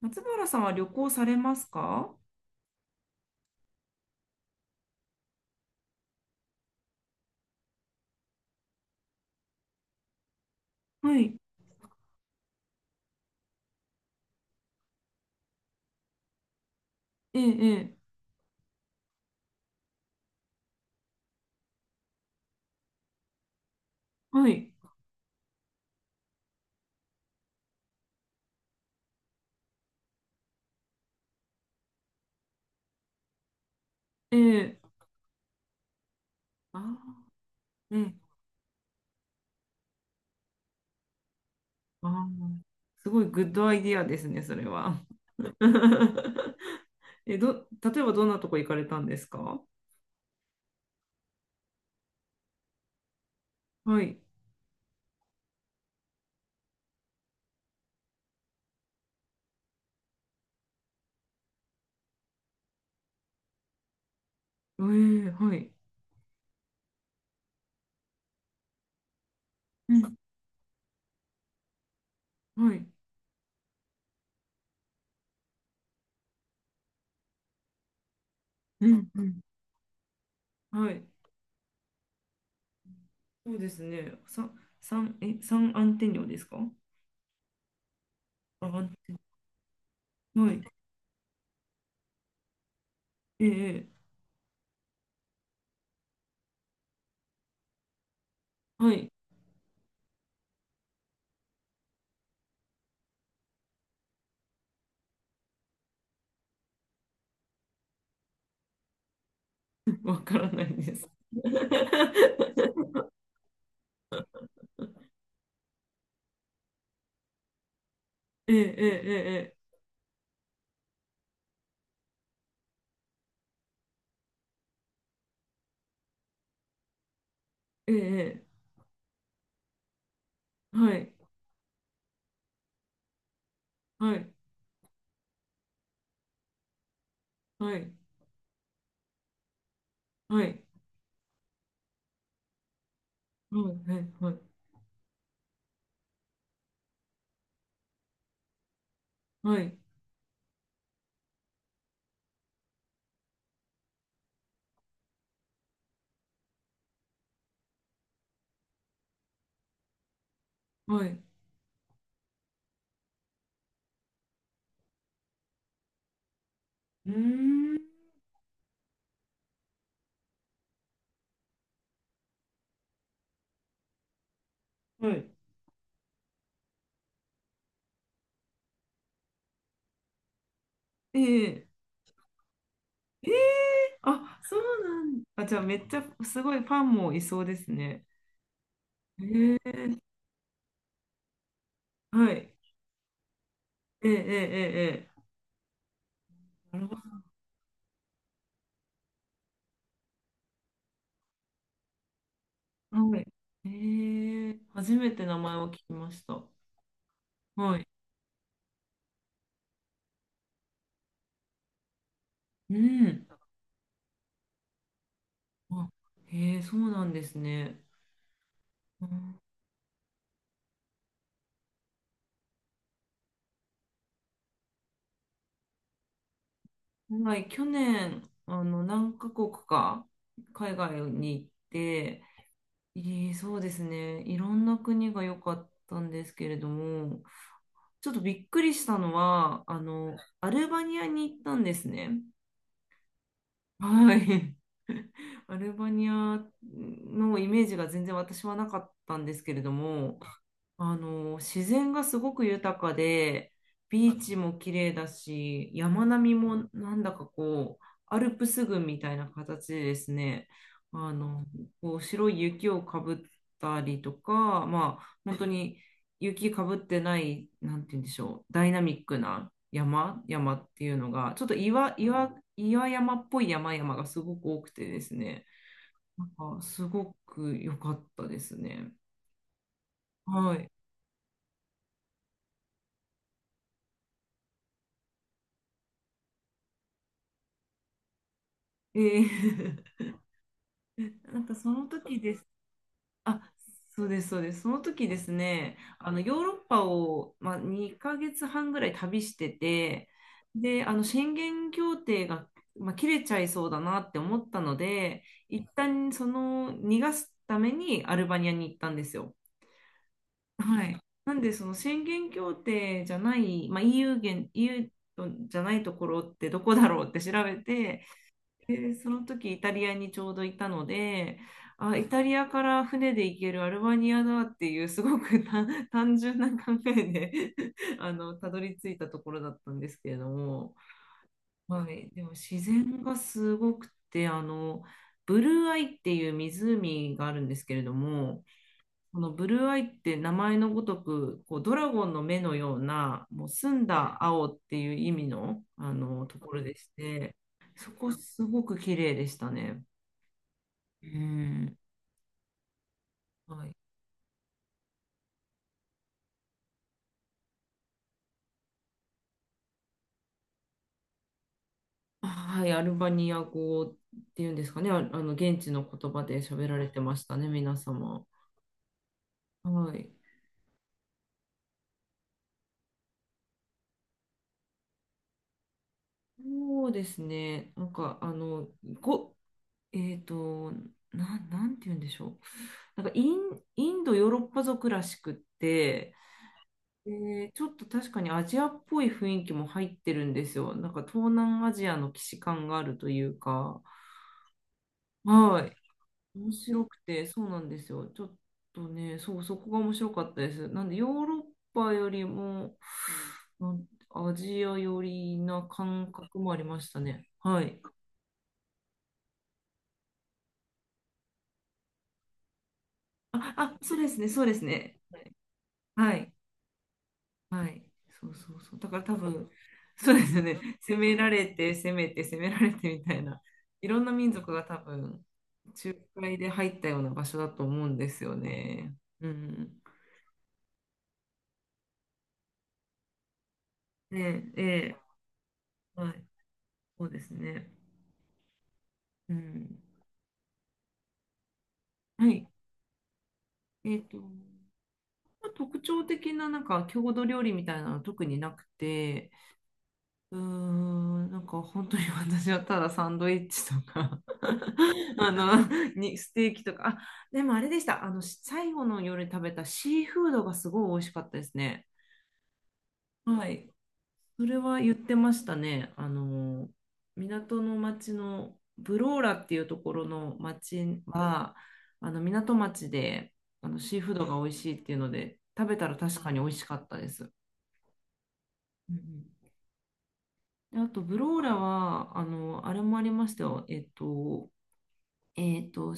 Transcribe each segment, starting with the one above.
松原さんは旅行されますか？はい。ええ、ええ、はい。ええ、ああ、ええ、ああ、すごいグッドアイディアですね、それは。例えばどんなとこ行かれたんですか？はい。ええ、はい。うん、はい。うん、うん、はい。そうですね。さ、サン、え、サンアンテニオですか？あ、アンテニオ、はい。ええ、ええ、はい。わからないです。ええ、ええ、ええ、ええ。ええ、はい、はい、はい、はい、はい、はい、はい、はい、はい、うーん、はい、ええ、ええ、あ、そうなんだあ、じゃあめっちゃすごいファンもいそうですね。ええ、はい、ええ、ええ、ええ、なるほど、はい、ええ、初めて名前を聞きました。はい、うん、あ、ええ、そうなんですね。うん、はい、去年、何カ国か海外に行って、ええ、そうですね。いろんな国が良かったんですけれども、ちょっとびっくりしたのは、アルバニアに行ったんですね。はい。アルバニアのイメージが全然私はなかったんですけれども、自然がすごく豊かで、ビーチも綺麗だし、山並みもなんだかこう、アルプス群みたいな形でですね、あの、こう白い雪をかぶったりとか、まあ、本当に雪かぶってない、なんて言うんでしょう、ダイナミックな山っていうのが、ちょっと岩山っぽい山々がすごく多くてですね、なんかすごく良かったですね。はい。ええ、なんかその時です。あ、そうです、そうです。その時ですね、ヨーロッパを、まあ、2ヶ月半ぐらい旅してて、で、あの宣言協定が、まあ、切れちゃいそうだなって思ったので、一旦その逃がすためにアルバニアに行ったんですよ。はい。なんで、その宣言協定じゃない、まあ、EU 圏、EU じゃないところってどこだろうって調べて、で、その時イタリアにちょうどいたので、あ、イタリアから船で行けるアルバニアだっていうすごく単純な考えで、 たどり着いたところだったんですけれども、はい、でも自然がすごくて、ブルーアイっていう湖があるんですけれども、このブルーアイって名前のごとく、こうドラゴンの目のような、もう澄んだ青っていう意味のあのところでして、そこすごく綺麗でしたね。うん。はい、はい、アルバニア語っていうんですかね、あ、あの現地の言葉で喋られてましたね、皆様。はい、そうですね、なんかあの、ご、えっと、な、なんて言うんでしょう、なんかインドヨーロッパ族らしくって、ちょっと確かにアジアっぽい雰囲気も入ってるんですよ。なんか東南アジアの既視感があるというか、はい、面白くて、そうなんですよ。ちょっとね、そう、そこが面白かったです。なんでヨーロッパよりも、アジア寄りな感覚もありましたね。はい。あ、あ、そうですね、そうですね。はい。はい。そうそうそう。だから多分、そうですよね。攻められて、攻めて、攻められてみたいな、いろんな民族が多分、仲介で入ったような場所だと思うんですよね。うん。ねえ、ええ、はい。そうですね。うん。はい。まあ特徴的ななんか郷土料理みたいなのは特になくて、うーん、なんか本当に私はただサンドイッチとか、 あのにステーキとか、あ、でもあれでした、あの最後の夜食べたシーフードがすごい美味しかったですね。はい。それは言ってましたね、あの港の町のブローラっていうところの町は、あの港町で、シーフードが美味しいっていうので食べたら確かに美味しかったです。うん、うん、で、あと、ブローラは、あの、あれもありましたよ。えっと、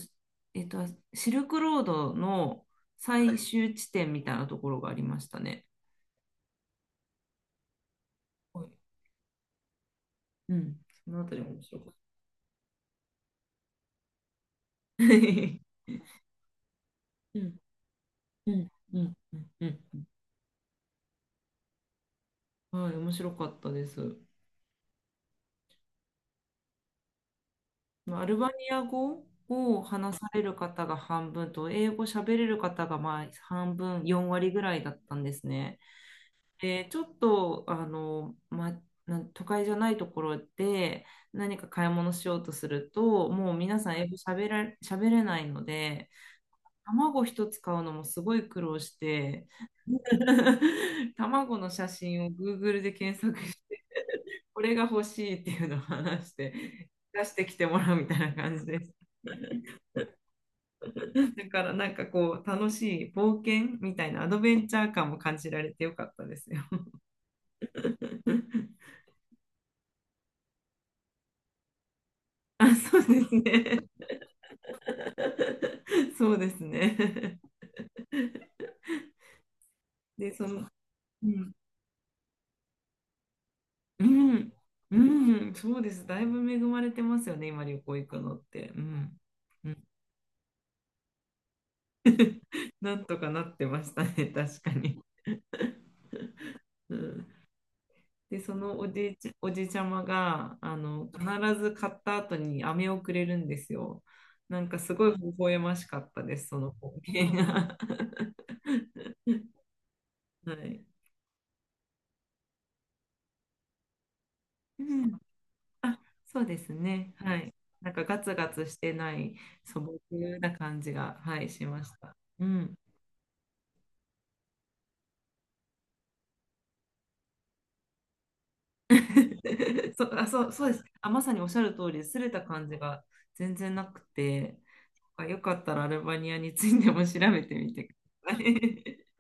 えっと、シルクロードのは最い。終地点みたいなところがありましたね。はい。うん。そのあたりも面白かった。うん。うん。うん。うん、うん、うん、はい、面白かったです。まあアルバニア語を話される方が半分と、英語喋れる方がまあ半分、4割ぐらいだったんですね。で、ちょっと、都会じゃないところで何か買い物しようとすると、もう皆さん英語喋れないので、卵一つ買うのもすごい苦労して、卵の写真を Google で検索して、これが欲しいっていうのを話して、出してきてもらうみたいな感じです。だからなんかこう楽しい冒険みたいなアドベンチャー感も感じられてよかったですよ。あ、そうですね。そうですね。で、その、うん、うん、うん、そうです。だいぶ恵まれてますよね、今旅行行くのって。うん、うん、なんとかなってましたね、確かに。うん、で、そのおじいちゃまが、必ず買った後に飴をくれるんですよ。なんかすごい微笑ましかったです、その光景が。はい。あ、そうですね。はい。なんかガツガツしてない素朴な感じが、はい、しました。うん。そう、そうです。あ、まさにおっしゃる通り、擦れた感じが全然なくて、あ、よかったらアルバニアについても調べてみてください。